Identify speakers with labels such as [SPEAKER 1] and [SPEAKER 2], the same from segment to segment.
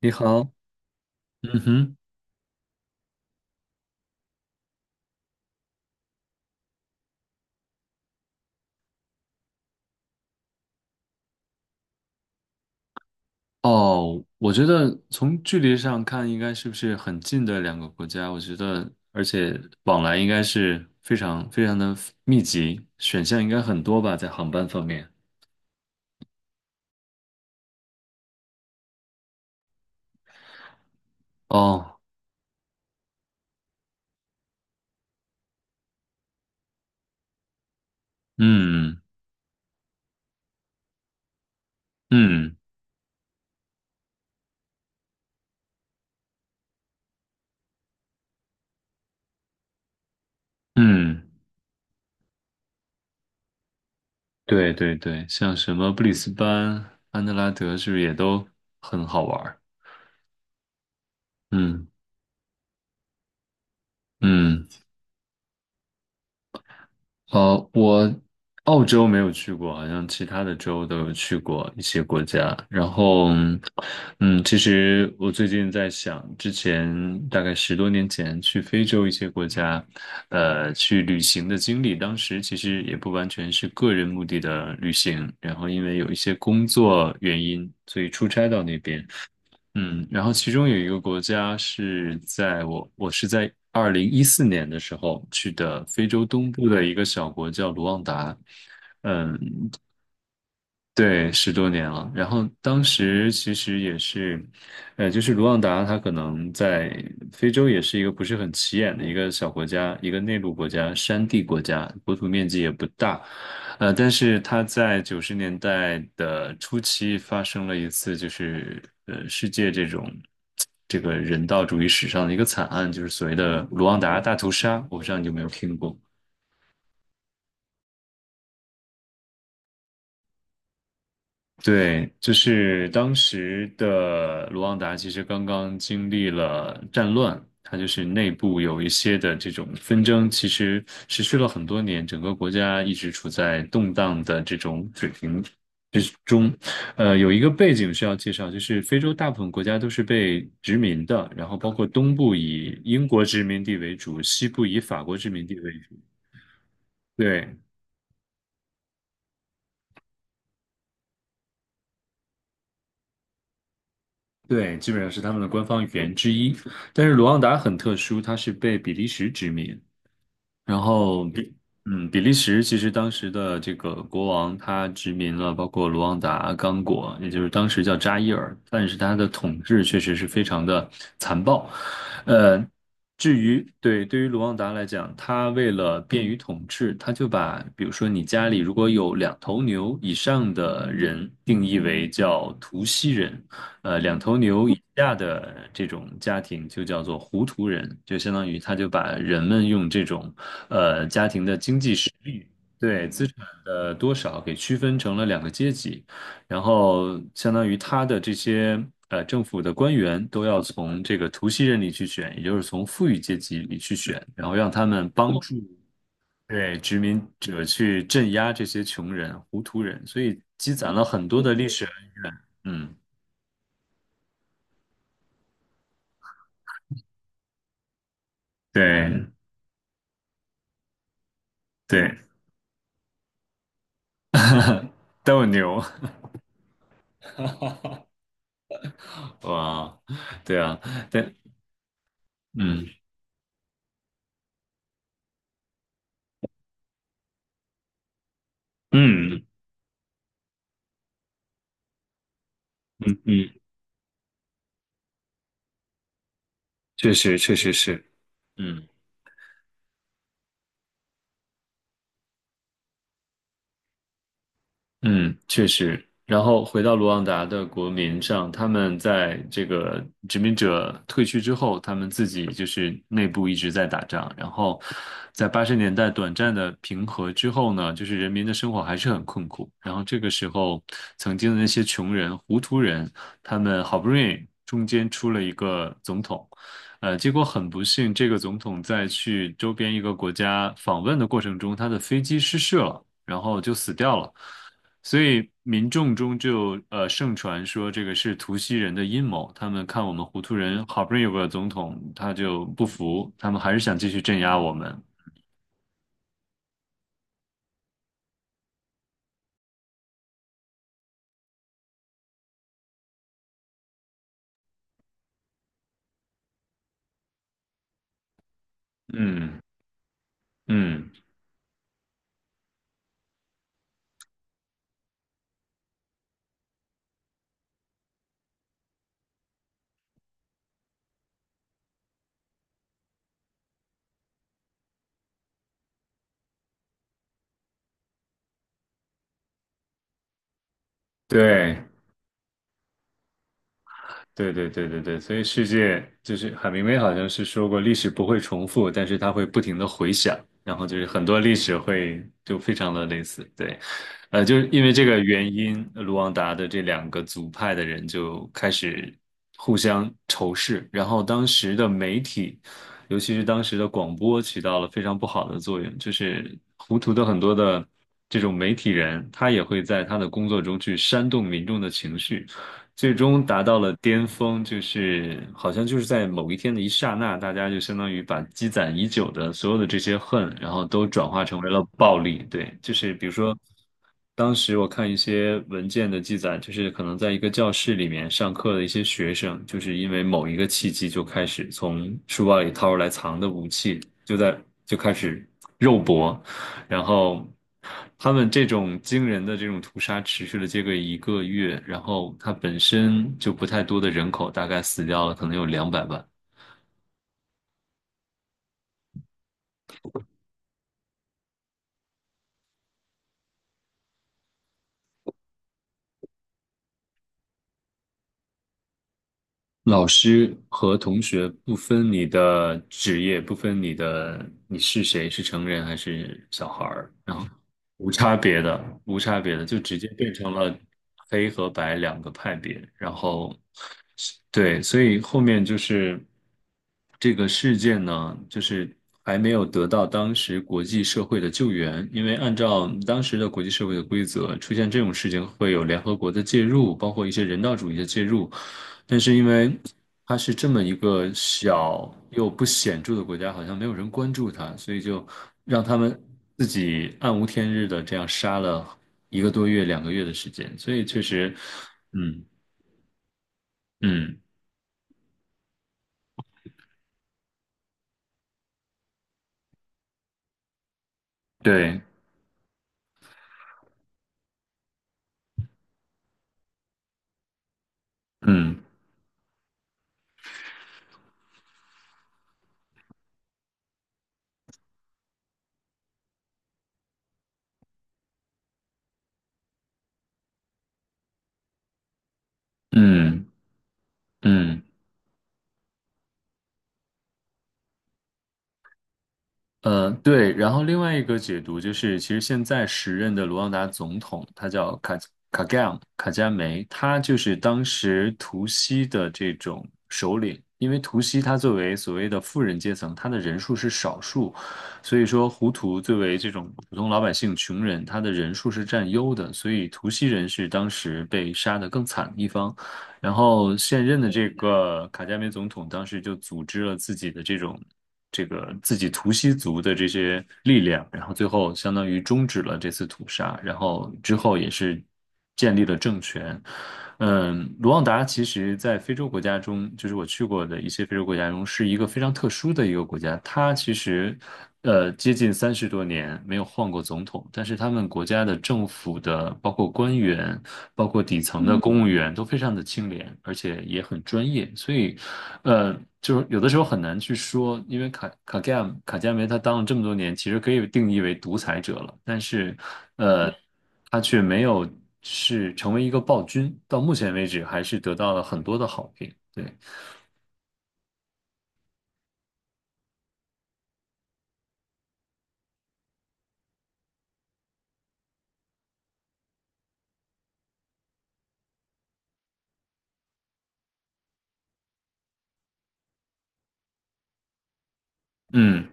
[SPEAKER 1] 你好。嗯哼。哦，我觉得从距离上看，应该是不是很近的两个国家？我觉得，而且往来应该是非常非常的密集，选项应该很多吧，在航班方面。哦。嗯。嗯嗯，对对对，像什么布里斯班、安德拉德，是不是也都很好玩儿。嗯嗯。我澳洲没有去过，好像其他的州都有去过一些国家。然后，嗯，其实我最近在想，之前大概十多年前去非洲一些国家，去旅行的经历，当时其实也不完全是个人目的的旅行，然后因为有一些工作原因，所以出差到那边。嗯，然后其中有一个国家是在我是在2014年的时候去的非洲东部的一个小国叫卢旺达。嗯。对，十多年了。然后当时其实也是，就是卢旺达，它可能在非洲也是一个不是很起眼的一个小国家，一个内陆国家、山地国家，国土面积也不大。但是它在90年代的初期发生了一次，就是世界这种这个人道主义史上的一个惨案，就是所谓的卢旺达大屠杀。我不知道你有没有听过。对，就是当时的卢旺达其实刚刚经历了战乱，它就是内部有一些的这种纷争，其实持续了很多年，整个国家一直处在动荡的这种水平。有一个背景需要介绍，就是非洲大部分国家都是被殖民的，然后包括东部以英国殖民地为主，西部以法国殖民地为主。对。对，基本上是他们的官方语言之一。但是卢旺达很特殊，它是被比利时殖民。然后比嗯，比利时其实当时的这个国王他殖民了包括卢旺达、刚果，也就是当时叫扎伊尔，但是他的统治确实是非常的残暴。呃，至于对对于卢旺达来讲，他为了便于统治，他就把比如说你家里如果有两头牛以上的人定义为叫图西人，两头牛以下的这种家庭就叫做胡图人，就相当于他就把人们用这种。对，资产的多少给区分成了两个阶级，然后相当于他的这些政府的官员都要从这个图西人里去选，也就是从富裕阶级里去选，然后让他们帮助对殖民者去镇压这些穷人、糊涂人，所以积攒了很多的历史。嗯。对对。斗牛。哇。对啊。对。嗯。嗯嗯，确实确实是。嗯。嗯，确实。然后回到卢旺达的国民上，他们在这个殖民者退去之后，他们自己就是内部一直在打仗。然后在80年代短暂的平和之后呢，就是人民的生活还是很困苦。然后这个时候，曾经的那些穷人、糊涂人，他们好不容易中间出了一个总统，结果很不幸，这个总统在去周边一个国家访问的过程中，他的飞机失事了，然后就死掉了。所以民众中就盛传说这个是图西人的阴谋，他们看我们胡图人好不容易有个总统，他就不服，他们还是想继续镇压我们。嗯嗯。对，对对对对对，所以世界就是海明威好像是说过，历史不会重复，但是它会不停的回响，然后就是很多历史会就非常的类似。对。就是因为这个原因，卢旺达的这两个族派的人就开始互相仇视，然后当时的媒体，尤其是当时的广播起到了非常不好的作用，就是糊涂的很多的这种媒体人，他也会在他的工作中去煽动民众的情绪。最终达到了巅峰，就是好像就是在某一天的一刹那，大家就相当于把积攒已久的所有的这些恨，然后都转化成为了暴力。对，就是比如说，当时我看一些文件的记载，就是可能在一个教室里面上课的一些学生，就是因为某一个契机就开始从书包里掏出来藏的武器，就在就开始肉搏。然后他们这种惊人的这种屠杀持续了这个一个月，然后它本身就不太多的人口，大概死掉了可能有200万。老师和同学不分你的职业，不分你是谁，是成人还是小孩儿，然后无差别的，无差别的就直接变成了黑和白两个派别，然后。对，所以后面就是这个事件呢，就是还没有得到当时国际社会的救援，因为按照当时的国际社会的规则，出现这种事情会有联合国的介入，包括一些人道主义的介入。但是因为它是这么一个小又不显著的国家，好像没有人关注它，所以就让他们自己暗无天日的这样杀了一个多月、两个月的时间。所以确实。嗯。嗯，对。嗯嗯嗯。对，然后另外一个解读就是，其实现在时任的卢旺达总统，他叫卡加梅，他就是当时图西的这种首领。因为图西他作为所谓的富人阶层，他的人数是少数，所以说胡图作为这种普通老百姓、穷人，他的人数是占优的，所以图西人是当时被杀得更惨的一方。然后现任的这个卡加梅总统当时就组织了自己的这种。这个自己图西族的这些力量，然后最后相当于终止了这次屠杀，然后之后也是建立了政权。嗯，卢旺达其实在非洲国家中，就是我去过的一些非洲国家中，是一个非常特殊的一个国家。它其实，接近30多年没有换过总统，但是他们国家的政府的，包括官员，包括底层的公务员，都非常的清廉，而且也很专业。所以呃，就是有的时候很难去说，因为卡加梅他当了这么多年，其实可以定义为独裁者了，但是，呃，他却没有是成为一个暴君，到目前为止还是得到了很多的好评。对。嗯。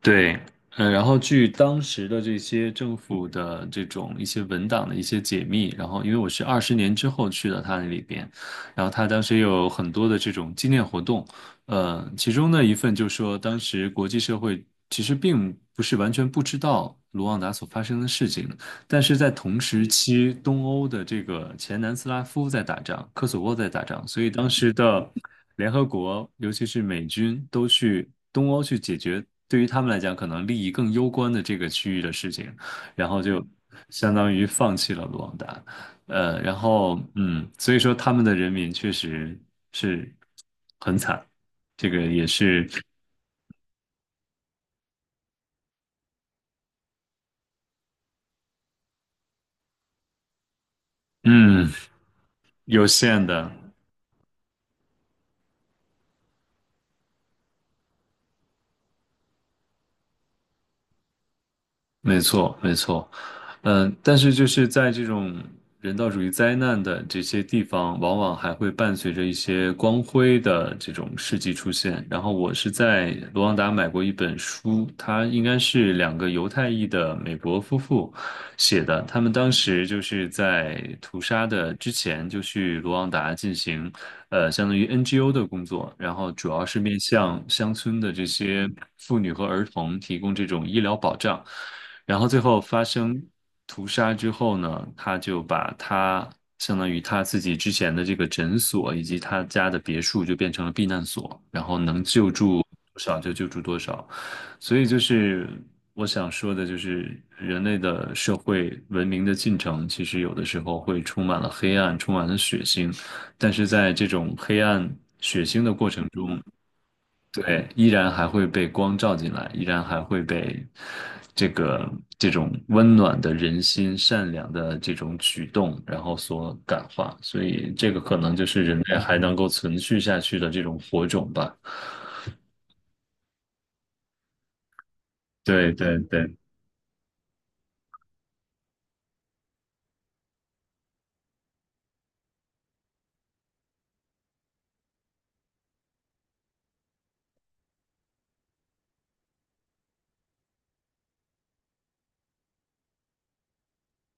[SPEAKER 1] 对，然后据当时的这些政府的这种一些文档的一些解密，然后因为我是20年之后去了他那里边，然后他当时有很多的这种纪念活动，其中的一份就说当时国际社会其实并不是完全不知道卢旺达所发生的事情，但是在同时期，东欧的这个前南斯拉夫在打仗，科索沃在打仗，所以当时的。联合国，尤其是美军，都去东欧去解决对于他们来讲可能利益更攸关的这个区域的事情，然后就相当于放弃了卢旺达。所以说他们的人民确实是很惨，这个也是嗯有限的。没错，没错。嗯，但是就是在这种人道主义灾难的这些地方，往往还会伴随着一些光辉的这种事迹出现。然后我是在卢旺达买过一本书，它应该是两个犹太裔的美国夫妇写的，他们当时就是在屠杀的之前就去卢旺达进行，相当于 NGO 的工作，然后主要是面向乡村的这些妇女和儿童提供这种医疗保障。然后最后发生屠杀之后呢，他就相当于他自己之前的这个诊所以及他家的别墅就变成了避难所，然后能救助多少就救助多少。所以就是我想说的，就是人类的社会文明的进程，其实有的时候会充满了黑暗，充满了血腥，但是在这种黑暗血腥的过程中，对，依然还会被光照进来，依然还会被这个这种温暖的人心、善良的这种举动，然后所感化。所以，这个可能就是人类还能够存续下去的这种火种吧。对对对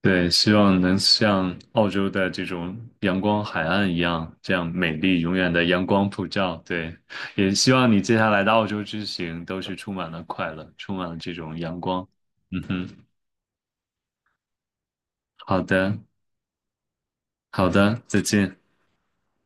[SPEAKER 1] 对，希望能像澳洲的这种阳光海岸一样，这样美丽永远的阳光普照。对，也希望你接下来的澳洲之行都是充满了快乐，充满了这种阳光。嗯哼。好的。好的，再见。